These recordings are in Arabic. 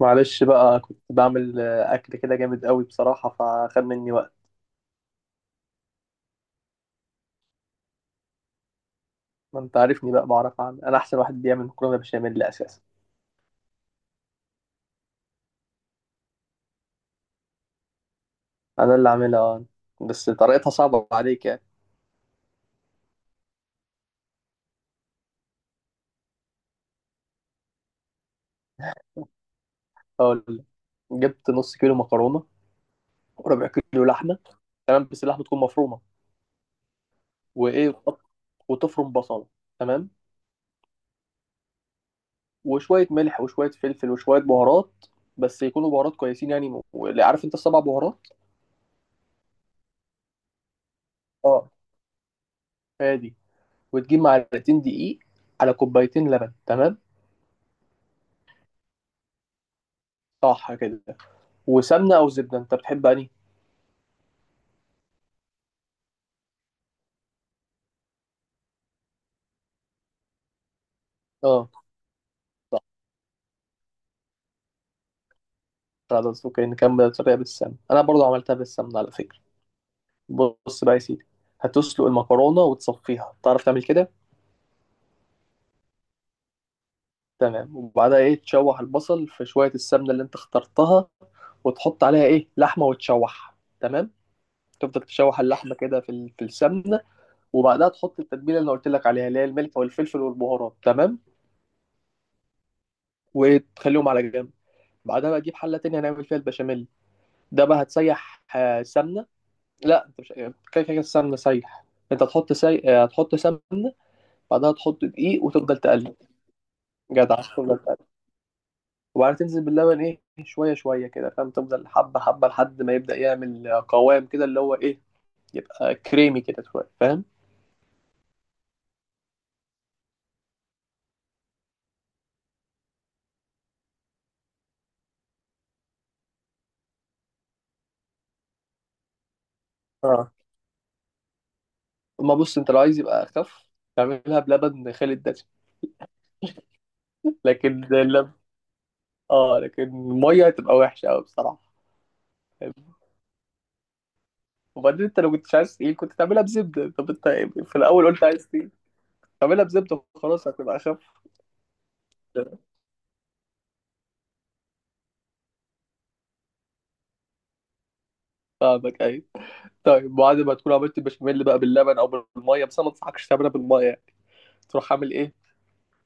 معلش بقى كنت بعمل اكل كده جامد قوي بصراحه، فخد مني وقت. ما انت عارفني بقى، بعرف اعمل انا احسن واحد بيعمل مكرونه بشاميل اساسا. انا اللي عاملها آه. بس طريقتها صعبه عليك يعني. هقول لك. جبت نص كيلو مكرونه وربع كيلو لحمه. تمام، بس اللحمه تكون مفرومه، وايه، وتفرم بصله. تمام. وشويه ملح وشويه فلفل وشويه بهارات، بس يكونوا بهارات كويسين يعني، واللي عارف انت السبع بهارات. اه، هادي. وتجيب معلقتين دقيق على كوبايتين لبن. تمام. صح كده. وسمنة أو زبدة، أنت بتحب أنهي؟ أه. خلاص، أوكي، نكمل الطريقة بالسمنة. أنا برضو عملتها بالسمنة على فكرة. بص بقى يا سيدي. هتسلق المكرونة وتصفيها، تعرف تعمل كده؟ تمام. وبعدها إيه، تشوح البصل في شوية السمنة اللي أنت اخترتها، وتحط عليها إيه لحمة وتشوح. تمام؟ تفضل تشوح اللحمة كده في السمنة. وبعدها تحط التتبيلة اللي أنا قلت لك عليها، اللي هي الملح والفلفل والبهارات. تمام؟ وتخليهم على جنب. بعدها بقى تجيب حلة تانية هنعمل فيها البشاميل. ده بقى هتسيح سمنة. لا انت مش يعني، كده كده السمنه سايح. انت هتحط سي... آه، هتحط سمنه. بعدها تحط دقيق وتفضل تقلب. جدع. تفضل تقلب وبعدين تنزل باللبن، ايه، شويه شويه كده، فاهم. تفضل حبه حبه لحد ما يبدا يعمل قوام كده، اللي هو ايه، كريمي كده شويه، فاهم. اه. اما بص، انت لو عايز يبقى اخف، تعملها بلبن خالي الدسم. لكن اللبن، اه، لكن الميه تبقى وحشه قوي بصراحه. وبعدين انت لو كنتش عايز تقيل كنت تعملها بزبده. طب انت في الاول قلت عايز تقيل، تعملها بزبده وخلاص هتبقى اخف. فاهمك. ايوه، طيب بعد ما تكون عملت البشاميل بقى باللبن او بالميه، بس انا ما انصحكش تعملها بالميه يعني. تروح عامل ايه،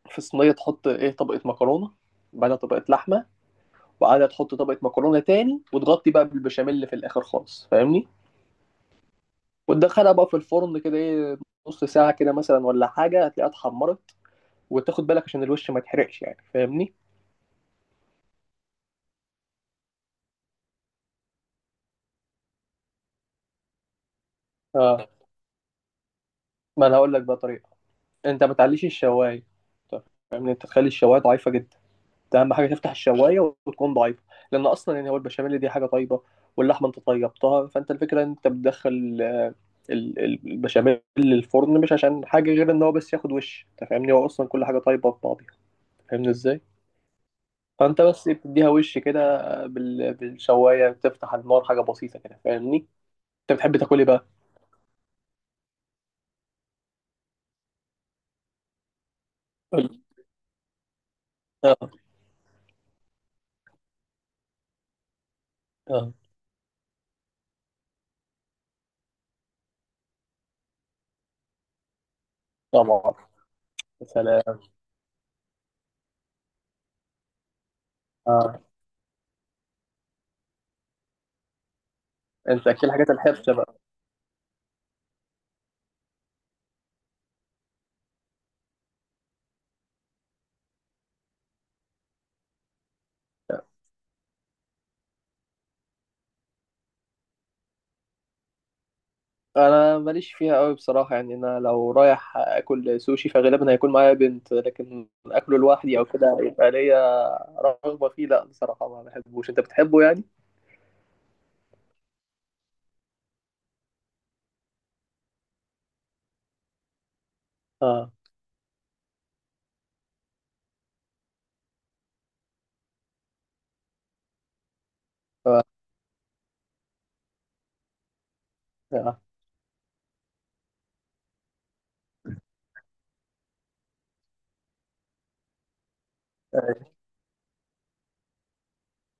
في صينيه تحط ايه طبقه مكرونه، بعدها طبقه لحمه، وبعدها تحط طبقه مكرونه تاني، وتغطي بقى بالبشاميل في الاخر خالص، فاهمني. وتدخلها بقى في الفرن كده، ايه، نص ساعه كده مثلا ولا حاجه، هتلاقيها اتحمرت. وتاخد بالك عشان الوش ما يتحرقش يعني، فاهمني. اه، ما انا هقول لك بقى طريقه. انت ما تعليش الشوايه. طب، فاهمني، انت تخلي الشوايه ضعيفه جدا. ده اهم حاجه، تفتح الشوايه وتكون ضعيفه. لان اصلا يعني هو البشاميل دي حاجه طيبه، واللحمه انت طيبتها، فانت الفكره ان انت بتدخل البشاميل للفرن مش عشان حاجه غير ان هو بس ياخد وش. انت فاهمني، هو اصلا كل حاجه طيبه في بعضها. فاهمني ازاي. فانت بس بتديها وش كده بالشوايه، بتفتح النار حاجه بسيطه كده، فاهمني. انت بتحب تاكل ايه بقى؟ قول. اه. اه. طبعا. يا سلام. آه. انت اكل حاجات الحرشه بقى. انا ماليش فيها قوي بصراحه يعني، انا لو رايح اكل سوشي فغالبا هيكون معايا بنت، لكن اكله لوحدي او كده يبقى ليا رغبه فيه، لا بصراحه ما بحبوش. انت بتحبه يعني؟ اه. ف- آه.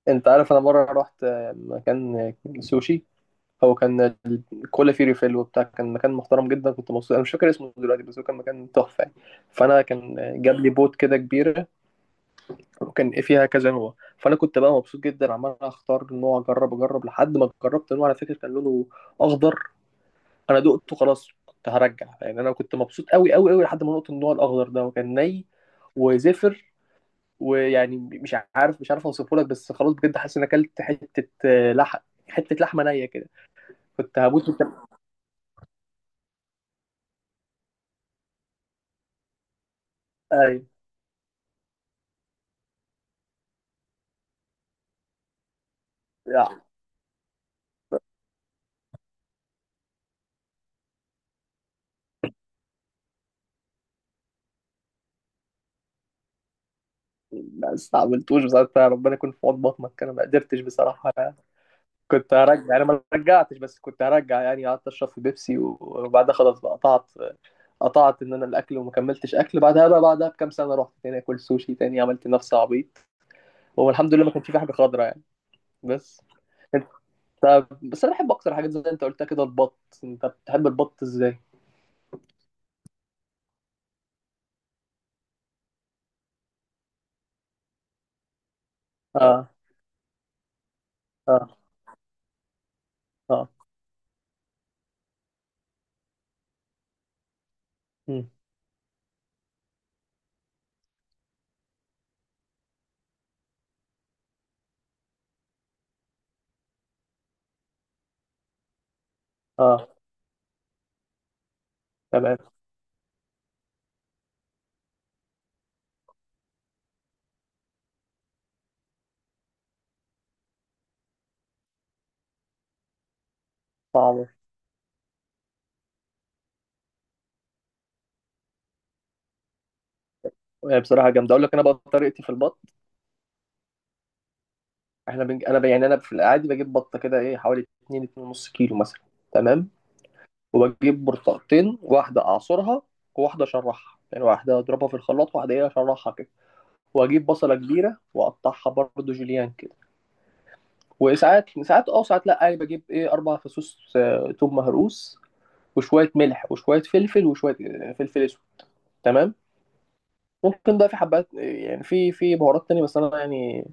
انت عارف، انا مره رحت مكان سوشي. هو كان كل فيه ريفيل وبتاع، كان مكان محترم جدا، كنت مبسوط. انا مش فاكر اسمه دلوقتي، بس هو كان مكان تحفه يعني. فانا كان جاب لي بوت كده كبيره، وكان إيه فيها كذا نوع. فانا كنت بقى مبسوط جدا، عمال اختار نوع اجرب لحد ما جربت نوع على فكره كان لونه اخضر. انا دقته، خلاص كنت هرجع يعني، انا كنت مبسوط قوي قوي قوي لحد ما نقطة النوع الاخضر ده، وكان ني وزفر، ويعني مش عارف اوصفه لك، بس خلاص بجد حاسس ان اكلت حته لحم، حته لحمه نيه كده. كنت هموت وكان. ايوه يعني، ما استعملتوش بصراحه، ربنا يكون في عون بطنك، انا ما قدرتش بصراحه. كنت هرجع يعني، ما رجعتش، بس كنت هرجع يعني. قعدت اشرب في بيبسي وبعدها خلاص بقى قطعت ان انا الاكل، وما كملتش اكل بعدها بقى، بعدها بكام سنه رحت تاني اكل سوشي تاني، عملت نفسي عبيط. والحمد لله ما كانش في حاجه خضرا يعني. بس انت، بس انا بحب اكتر حاجات زي ما انت قلتها كده البط. انت بتحب البط ازاي؟ اه. اه. اه. مم. اه. تمام. صعبه هي بصراحه جامده. اقول لك انا بقى طريقتي في البط. احنا بنج... انا ب... يعني انا في العادي بجيب بطه كده ايه حوالي 2 2 ونص كيلو مثلا. تمام. وبجيب برتقتين، واحدة أعصرها وواحدة أشرحها، يعني واحدة أضربها في الخلاط، واحدة إيه أشرحها كده. وأجيب بصلة كبيرة وأقطعها برضه جوليان كده. وساعات ساعات أه، وساعات لأ، يعني بجيب إيه 4 فصوص توم مهروس، وشوية ملح وشوية فلفل وشوية فلفل أسود. تمام. ممكن بقى في حبات، يعني في بهارات تانية، بس أنا يعني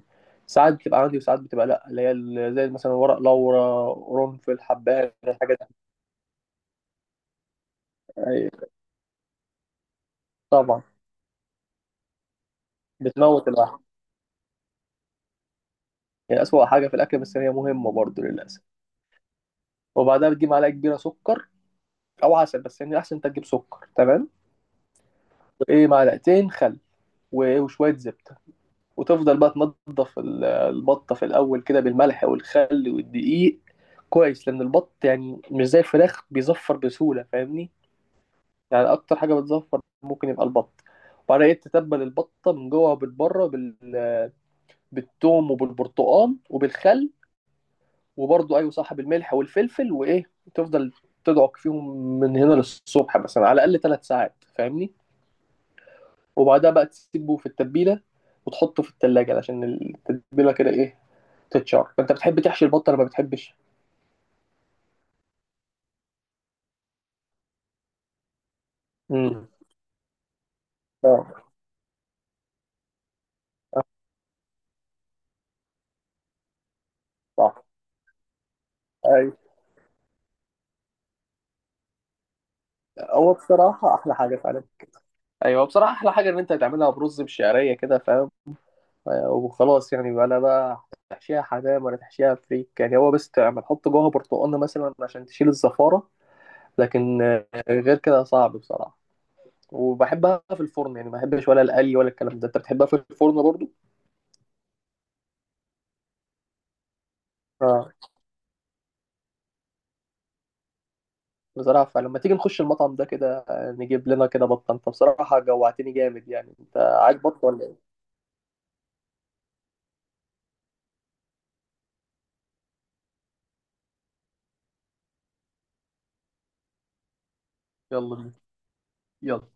ساعات بتبقى عندي وساعات بتبقى لأ، اللي هي زي مثلا ورق لورا، قرنفل، حبات، الحاجات دي. أيوة، طبعا، بتموت الواحد. هي أسوأ حاجة في الأكل، بس هي مهمة برضه للأسف. وبعدها بتجيب معلقة كبيرة سكر أو عسل، بس يعني الأحسن أنت تجيب سكر. تمام. وإيه معلقتين خل، وإيه، وشوية زبدة. وتفضل بقى تنضف البطة في الأول كده بالملح والخل والدقيق كويس، لأن البط يعني مش زي الفراخ بيزفر بسهولة، فاهمني. يعني أكتر حاجة بتزفر ممكن يبقى البط. وبعدها إيه، تتبل البطة من جوه وبالبره بالثوم وبالبرتقال وبالخل. وبرضه ايوه صاحب الملح والفلفل وايه. تفضل تدعك فيهم من هنا للصبح مثلا، على الاقل 3 ساعات، فاهمني. وبعدها بقى تسيبه في التتبيله، وتحطه في التلاجة عشان التتبيله كده ايه تتشار. فانت بتحب تحشي البطه ولا ما بتحبش؟ امم. اه. آه، صح. ايوه، هو بصراحه احلى حاجه فعلا. ايوه، بصراحه احلى حاجه ان انت تعملها برز بشعريه كده، فاهم. وخلاص يعني بقى، لا بقى تحشيها حمام ولا تحشيها فريك، يعني هو بس تعمل حط جواها برتقانه مثلا عشان تشيل الزفاره. لكن غير كده صعب بصراحة. وبحبها في الفرن يعني، ما بحبش ولا القلي ولا الكلام ده. انت بتحبها في الفرن برضو؟ اه. بصراحة فلما تيجي نخش المطعم ده كده نجيب لنا كده بطة. انت بصراحة جوعتني جامد يعني، انت عاجبك ولا ايه؟ يلا بينا. يلا.